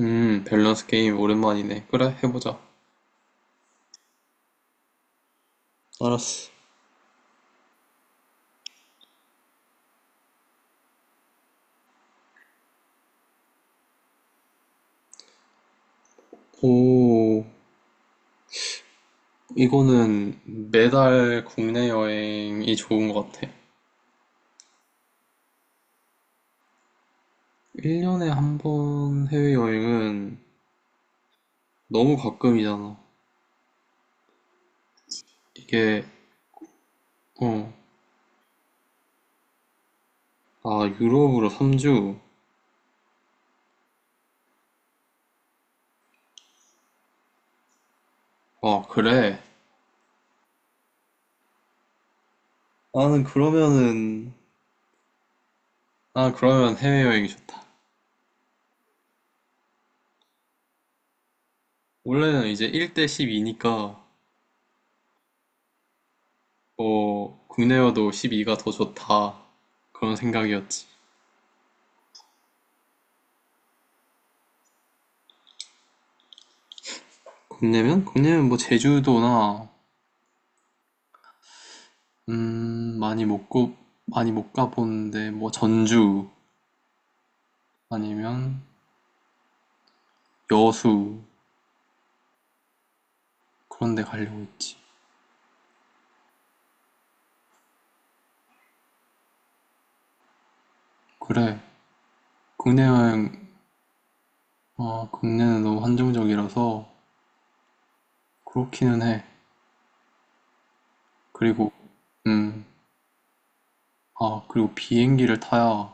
밸런스 게임 오랜만이네. 그래, 해보자. 알았어. 오, 이거는 매달 국내 여행이 좋은 것 같아. 1년에 한 번 해외여행은 너무 가끔이잖아. 이게, 어, 아, 유럽으로 3주? 아, 그래. 나는 그러면은, 아, 그러면 해외여행이 좋다. 원래는 이제 1대 12니까, 뭐, 국내여도 12가 더 좋다. 그런 생각이었지. 국내면? 국내면 뭐 제주도나 음 많이 못 고, 많이 못 가본데 뭐 전주 아니면 여수 그런 데 가려고 했지. 그래. 국내 여행 아 국내는 너무 한정적이라서 그렇기는 해. 그리고 음그리고 비행기를 타야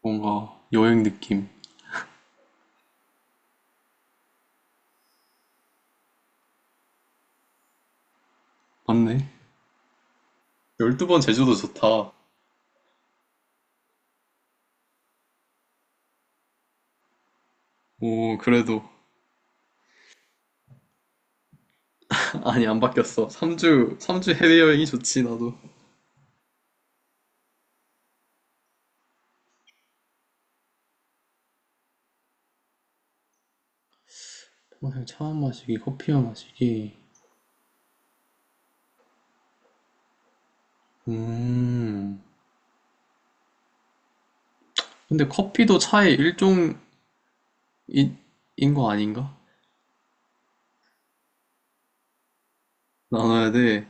뭔가 여행 느낌. 맞네. 12번 제주도 좋다. 오, 그래도. 아니, 안 바뀌었어. 삼주 3주 해외여행이 좋지, 나도. 오, 차만 마시기, 커피만 마시기. 음. 근데 커피도 차의 일종인 인 거 아닌가? 나눠야 돼.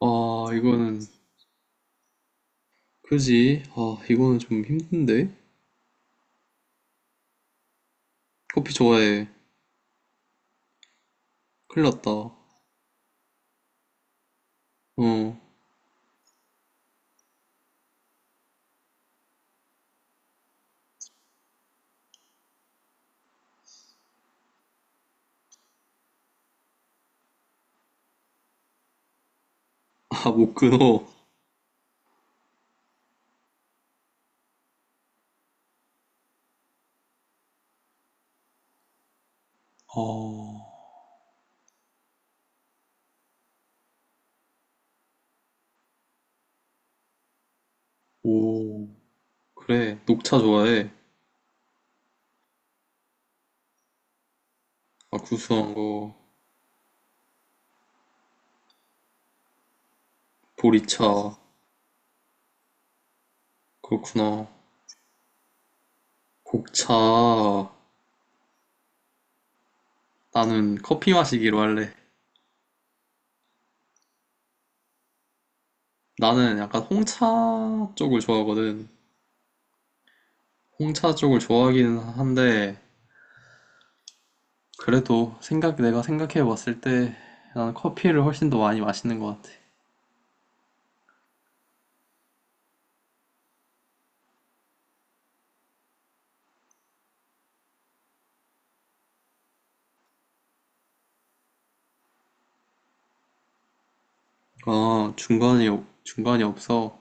아, 이거는, 그지? 아, 이거는 좀 힘든데? 커피 좋아해. 큰일 났다. 어. 아, 못 끊어. 아, 오. 그래, 녹차 좋아해. 아, 구수한 거. 보리차. 그렇구나. 곡차. 나는 커피 마시기로 할래. 나는 약간 홍차 쪽을 좋아하거든. 홍차 쪽을 좋아하기는 한데 그래도 생각 내가 생각해 봤을 때 나는 커피를 훨씬 더 많이 마시는 것 같아. 아, 중간이 없어.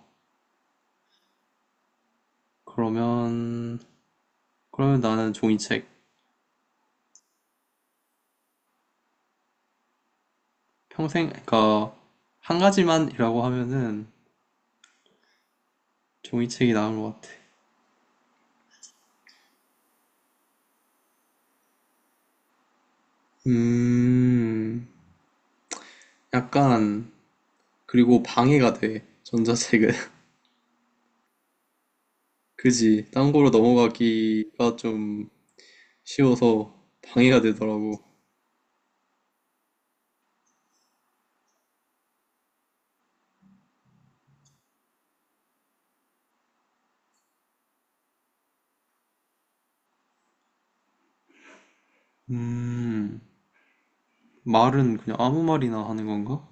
그러면 그러면 나는 종이책 평생 그니까 한 가지만이라고 하면은 종이책이 나은 것 같아. 음, 약간 그리고 방해가 돼. 전자책은. 그지. 딴 거로 넘어가기가 좀 쉬워서 방해가 되더라고. 음. 말은 그냥 아무 말이나 하는 건가?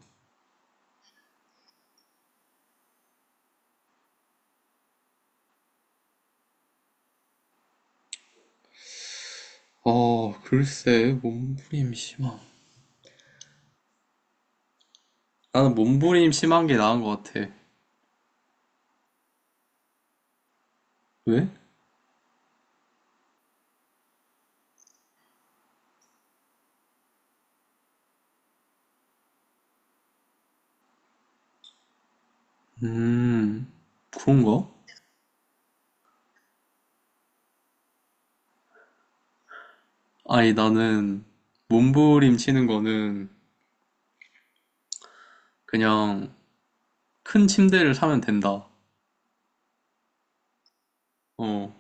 어, 글쎄, 몸부림 심한. 나는 몸부림 심한 게 나은 것 같아. 왜? 음, 그런가? 아니, 나는 몸부림 치는 거는 그냥 큰 침대를 사면 된다. 어.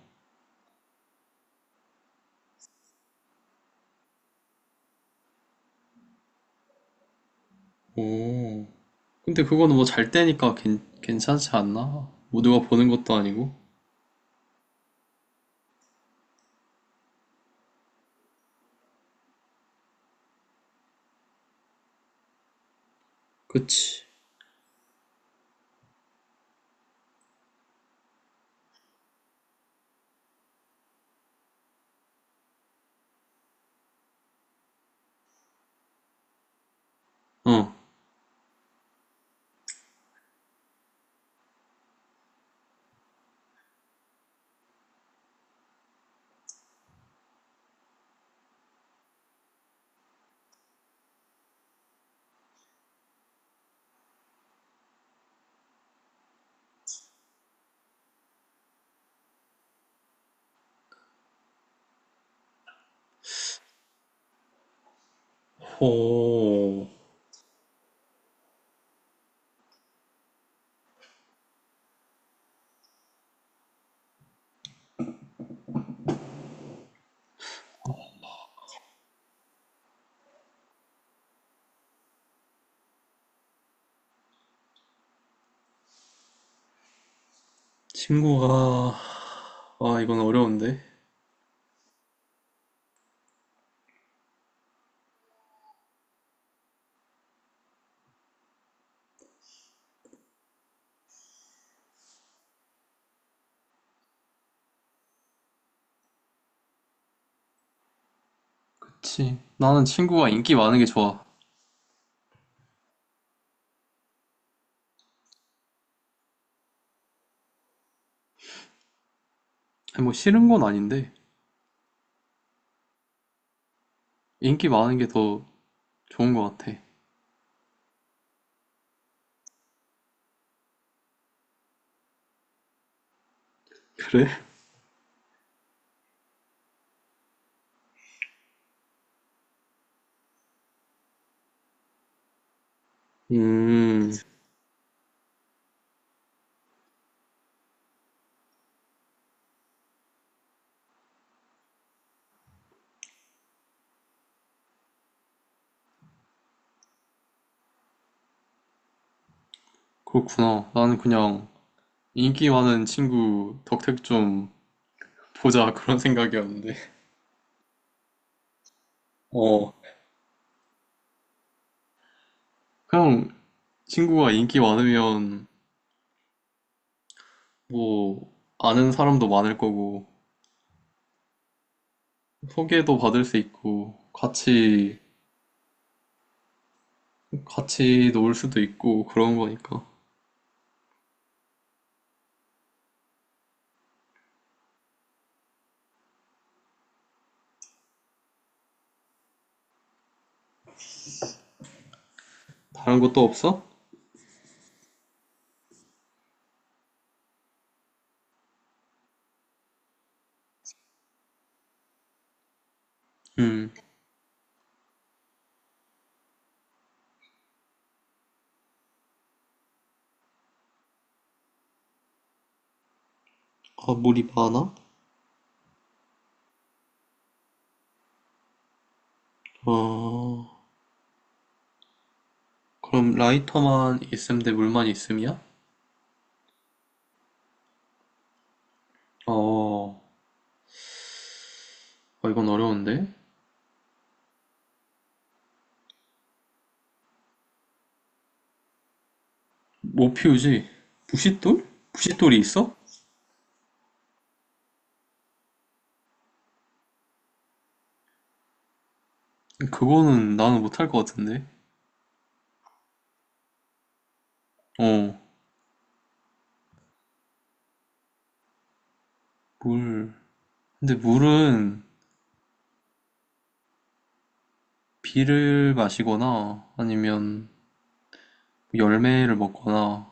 오. 근데 그거는 뭐 잘 때니까 괜찮지 않나? 뭐 누가 보는 것도 아니고. 그치. 어. 호. 친구가, 아, 이건 어려운데. 그치. 나는 친구가 인기 많은 게 좋아. 아니, 뭐 싫은 건 아닌데, 인기 많은 게 더 좋은 것 같아. 그래? 음, 그렇구나. 나는 그냥 인기 많은 친구 덕택 좀 보자 그런 생각이었는데. 어, 그냥 친구가 인기 많으면 뭐 아는 사람도 많을 거고, 소개도 받을 수 있고, 같이 놀 수도 있고, 그런 거니까. 다른 것도 없어? 음, 아, 물이 많아? 어... 그럼 라이터만 있음 대 물만 있음이야? 어, 이건 어려운데. 못 피우지? 부싯돌? 부싯돌이 있어? 그거는 나는 못 할 것 같은데. 어, 물. 근데 물은 비를 마시거나 아니면 열매를 먹거나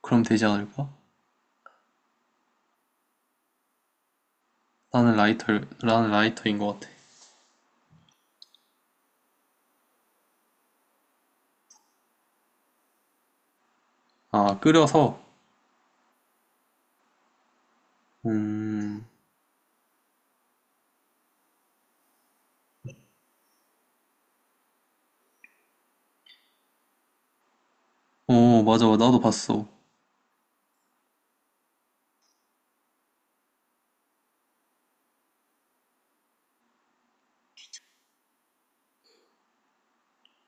그럼 되지 않을까? 나는 라이터, 나는 라이터인 것 같아. 아, 끓여서? 음, 맞아. 나도 봤어.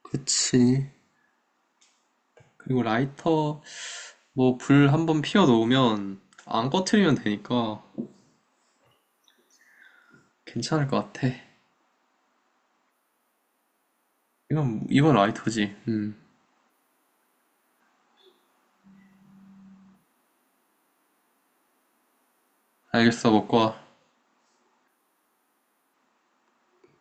그치. 그리고 라이터, 뭐 불 한번 피워 놓으면 안 꺼트리면 되니까 괜찮을 것 같아. 이건 라이터지. 음. 알겠어, 먹고 와.